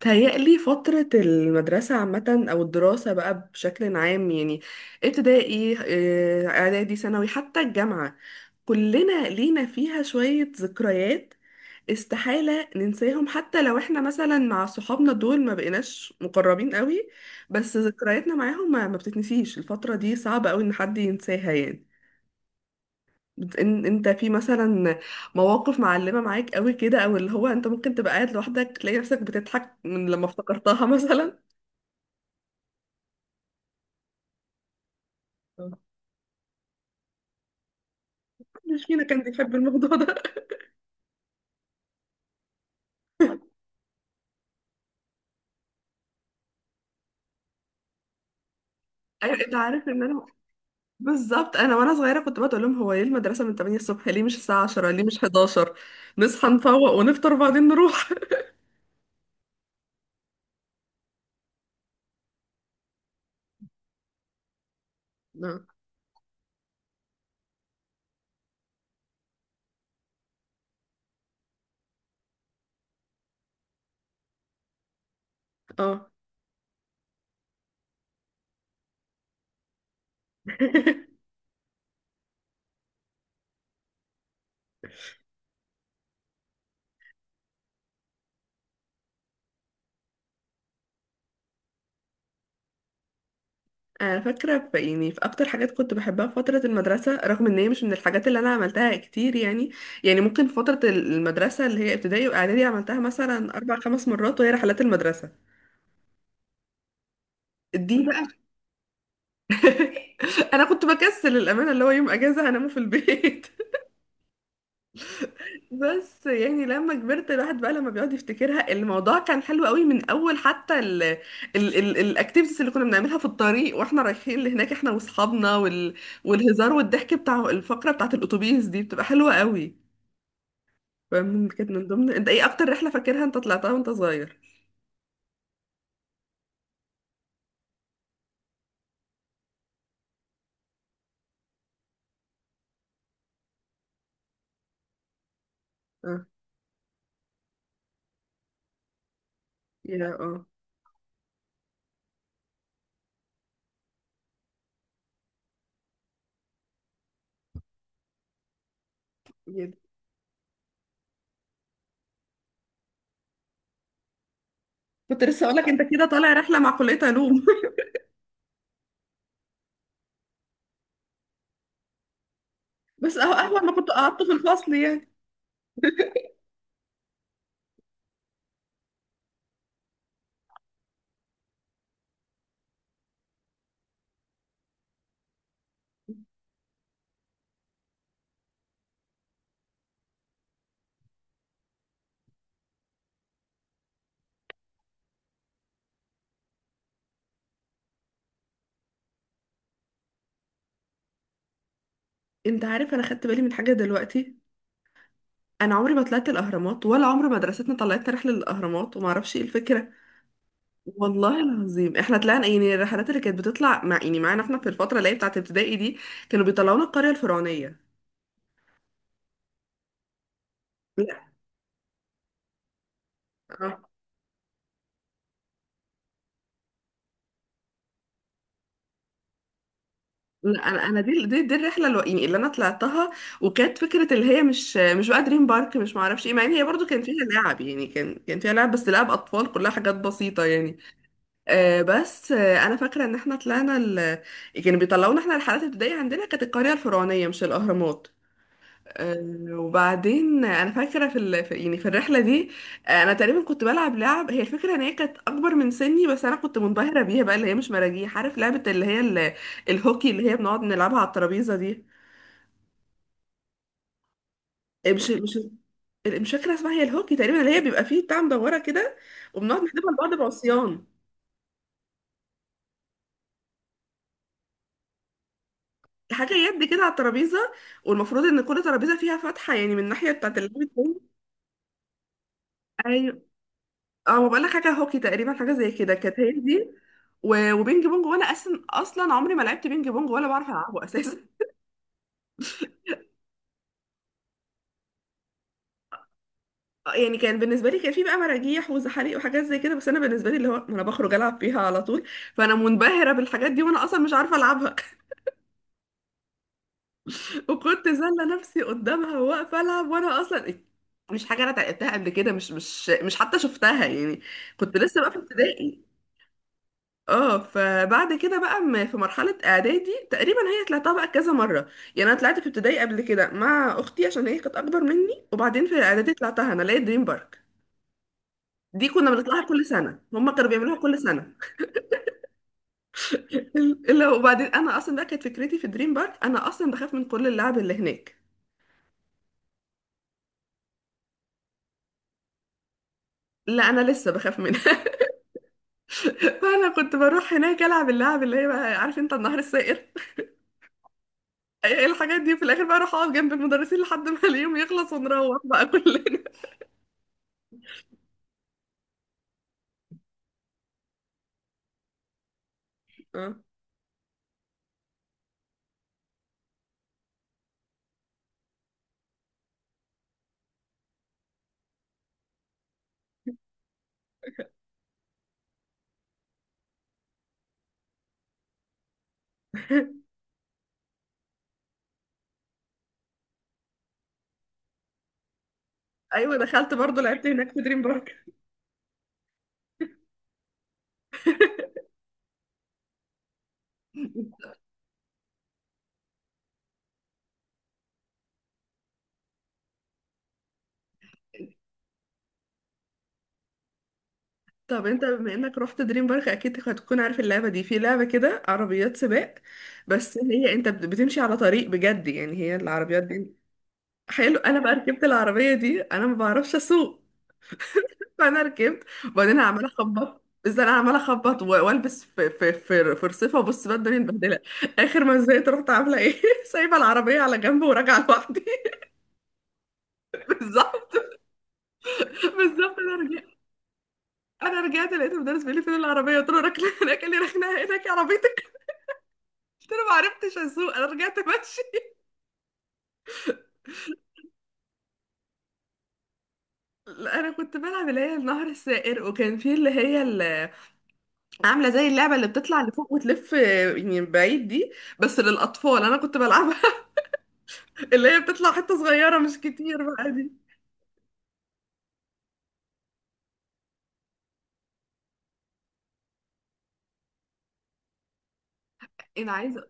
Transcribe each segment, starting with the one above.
تهيألي فترة المدرسة عامة أو الدراسة بقى بشكل عام يعني ابتدائي، إعدادي ثانوي حتى الجامعة. كلنا لينا فيها شوية ذكريات، استحالة ننساهم حتى لو احنا مثلا مع صحابنا دول ما بقيناش مقربين قوي. بس ذكرياتنا معاهم ما بتتنسيش، الفترة دي صعب قوي إن حد ينساها يعني. بت- إن- انت في مثلا مواقف معلمة معاك قوي كده، او اللي هو انت ممكن تبقى قاعد لوحدك تلاقي نفسك بتضحك من لما افتكرتها مثلا. مش فينا كان بيحب الموضوع ده. أيوة، انت عارف ان انا بالظبط، انا وانا صغيره كنت بقعد اقول لهم هو ليه المدرسه من 8 الصبح، ليه مش الساعه 10، ليه مش 11؟ نصحى نفوق ونفطر وبعدين نروح. اه. اه. انا فاكره في اكتر حاجات كنت بحبها في فتره المدرسه، رغم ان هي مش من الحاجات اللي انا عملتها كتير يعني ممكن في فتره المدرسه اللي هي ابتدائي واعدادي عملتها مثلا اربع خمس مرات، وهي رحلات المدرسه دي بقى. انا كنت بكسل الامانه، اللي هو يوم اجازه هنامه في البيت. بس يعني لما كبرت الواحد بقى لما بيقعد يفتكرها الموضوع كان حلو قوي، من اول حتى ال ال ال الاكتيفيتيز اللي كنا بنعملها في الطريق واحنا رايحين لهناك، احنا واصحابنا، والهزار والضحك بتاع الفقرة بتاعت الاتوبيس دي بتبقى حلوة قوي. فمن كانت من ضمن، انت ايه اكتر رحلة فاكرها انت طلعتها وانت صغير؟ اه. يا، اه. يا. كنت لسه اقول لك انت كده طالع رحلة مع كلية علوم. بس اهو اهون ما كنت قعدت في الفصل يعني. انت عارف انا خدت بالي من حاجة دلوقتي، انا عمري ما طلعت الاهرامات ولا عمر مدرستنا طلعتنا رحله للاهرامات، وما اعرفش ايه الفكره. والله العظيم احنا طلعنا يعني الرحلات اللي كانت بتطلع مع يعني معانا احنا في الفتره اللي هي بتاعه ابتدائي دي، كانوا بيطلعونا القريه الفرعونيه. لا. آه. لا، انا دي الرحله اللي انا طلعتها، وكانت فكره اللي هي مش بقى دريم بارك، مش ما اعرفش ايه، مع ان هي برضو كان فيها لعب يعني، كان فيها لعب بس لعب اطفال كلها حاجات بسيطه يعني. بس انا فاكره ان احنا طلعنا كانوا بيطلعونا احنا رحلات ابتدائي عندنا كانت القريه الفرعونيه مش الاهرامات. وبعدين انا فاكره في, ال... في يعني في الرحله دي، انا تقريبا كنت بلعب لعب، هي الفكره ان هي كانت اكبر من سني، بس انا كنت منبهره بيها بقى، اللي هي مش مراجيح، عارف لعبه اللي هي الهوكي، اللي هي بنقعد نلعبها على الترابيزه دي، آه، مش مش مش فاكره اسمها، هي الهوكي تقريبا، اللي هي بيبقى فيه بتاع مدوره كده، وبنقعد نحدفها لبعض بعصيان، حاجه يد كده على الترابيزه، والمفروض ان كل ترابيزه فيها فتحه يعني من الناحيه بتاعت اللعب التاني. اه، ما بقولك حاجه هوكي تقريبا، حاجه زي كده كانت هي دي. وبينج بونج، وانا اصلا عمري ما لعبت بينج بونج ولا بعرف العبه اساسا. يعني كان بالنسبه لي كان في بقى مراجيح وزحاليق وحاجات زي كده، بس انا بالنسبه لي اللي هو ما انا بخرج العب فيها على طول، فانا منبهره بالحاجات دي وانا اصلا مش عارفه العبها. وكنت زله نفسي قدامها واقفه العب، وانا اصلا مش حاجه انا اتعلمتها قبل كده، مش حتى شفتها يعني. كنت لسه بقى في ابتدائي. اه. فبعد كده بقى في مرحلة اعدادي تقريبا هي طلعتها بقى كذا مرة، يعني انا طلعت في ابتدائي قبل كده مع اختي عشان هي كانت اكبر مني، وبعدين في اعدادي طلعتها انا لقيت دريم بارك. دي كنا بنطلعها كل سنة، هما كانوا بيعملوها كل سنة. الا، وبعدين انا اصلا بقى كانت فكرتي في دريم بارك انا اصلا بخاف من كل اللعب اللي هناك. لا، انا لسه بخاف منها. فانا كنت بروح هناك العب اللعب اللي هي بقى، عارف انت النهر السائر ايه الحاجات دي، في الاخر بقى اروح اقعد جنب المدرسين لحد ما اليوم يخلص ونروح بقى كلنا. اه. ايوه، دخلت برضه لعبت هناك في دريم بارك. طب انت بما انك رحت دريم بارك اكيد هتكون عارف اللعبه دي، في لعبه كده عربيات سباق، بس هي انت بتمشي على طريق بجد يعني، هي العربيات دي حلو. انا بقى ركبت العربيه دي، انا ما بعرفش اسوق، فانا ركبت وبعدين عماله اخبط، ازاي انا عماله اخبط والبس في فرصفه، وبص بقى الدنيا متبهدله. اخر ما زهقت رحت عامله ايه سايبه العربيه على جنب وراجعه لوحدي. بالظبط. بالظبط. انا رجعت لقيت المدرس بيقول لي فين العربيه، قلت له راكله هناك، قال لي ركنها هناك يا عربيتك، قلت له ما عرفتش اسوق انا رجعت ماشي. لا، انا كنت بلعب اللي هي النهر السائر، وكان في اللي عامله زي اللعبه اللي بتطلع لفوق وتلف، يعني بعيد دي، بس للاطفال انا كنت بلعبها. اللي هي بتطلع حته صغيره مش كتير بقى دي. انا عايزه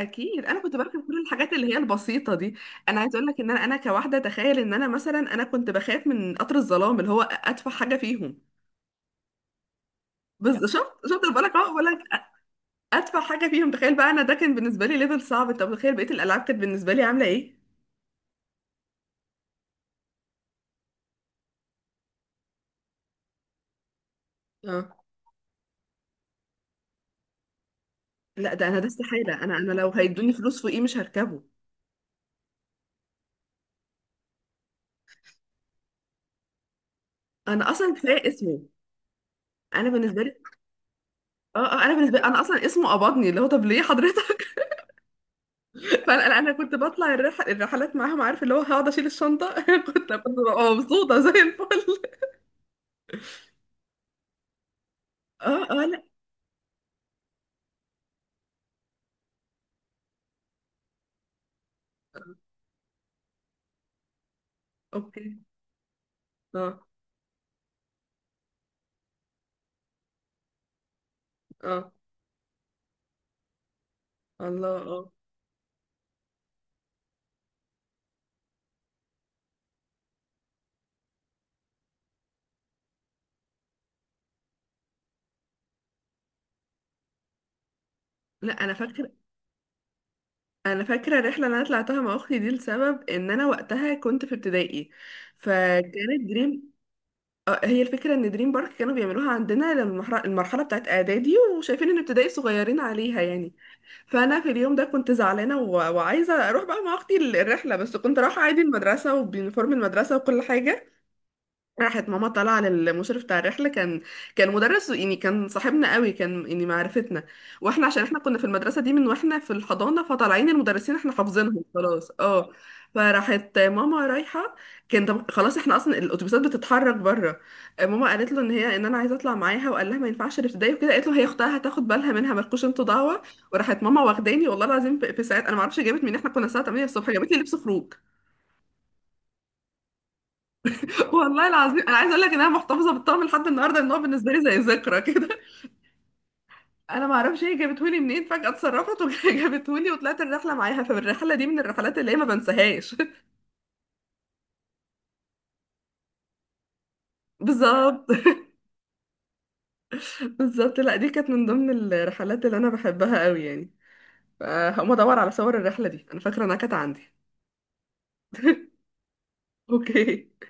اكيد انا كنت بركب كل الحاجات اللي هي البسيطه دي. انا عايزه اقول لك ان انا كواحده، تخيل ان انا كنت بخاف من قطر الظلام اللي هو اتفه حاجه فيهم. بس شفت، انا بقول لك ادفع حاجه فيهم، تخيل بقى انا ده كان بالنسبه لي ليفل صعب، طب تخيل بقيه الالعاب كانت بالنسبه لي عامله ايه. اه. لا، ده انا ده استحاله، انا لو هيدوني فلوس فوقيه مش هركبه. انا اصلا كفايه اسمه. انا بالنسبه لي. اه انا بالنسبه لي انا اصلا اسمه قبضني، اللي هو طب ليه حضرتك. فانا انا أنا كنت بطلع الرحلات معاهم، عارف اللي هو هقعد اشيل الشنطه كنت ببقى مبسوطه زي الفل. اه. اه. لا. اوكي. اه. اه. الله. اه. لا، انا فاكره الرحله اللي انا طلعتها مع اختي دي لسبب ان انا وقتها كنت في ابتدائي، فكانت دريم آه، هي الفكره ان دريم بارك كانوا بيعملوها عندنا لما المرحله بتاعت اعدادي، وشايفين ان ابتدائي صغيرين عليها يعني. فانا في اليوم ده كنت زعلانه و... وعايزه اروح بقى مع اختي الرحله، بس كنت رايحه عادي المدرسه وبيونيفورم المدرسه وكل حاجه. راحت ماما طالعه للمشرف بتاع الرحله، كان مدرس يعني، كان صاحبنا قوي كان يعني معرفتنا، واحنا عشان احنا كنا في المدرسه دي من واحنا في الحضانه، فطالعين المدرسين احنا حافظينهم خلاص. اه. فراحت ماما رايحه، خلاص احنا اصلا الاتوبيسات بتتحرك بره. ماما قالت له ان انا عايزه اطلع معاها، وقال لها ما ينفعش الابتدائي وكده، قالت له هي اختها هتاخد بالها منها، مالكوش انتوا دعوه. وراحت ماما واخداني، والله العظيم في ساعات، انا ما اعرفش جابت منين، احنا كنا الساعه 8 الصبح جابت لي لبس خروج. والله العظيم انا عايزه اقول لك ان انا محتفظه بالطقم لحد النهارده، ان هو بالنسبه لي زي ذكرى كده. انا ما اعرفش هي جابته لي منين، فجاه اتصرفت وجابته لي. وطلعت الرحله معاها، فالرحله دي من الرحلات اللي هي ما بنساهاش. بالظبط. بالظبط. لا، دي كانت من ضمن الرحلات اللي انا بحبها قوي يعني. فهقوم ادور على صور الرحله دي، انا فاكره انها كانت عندي. اوكي.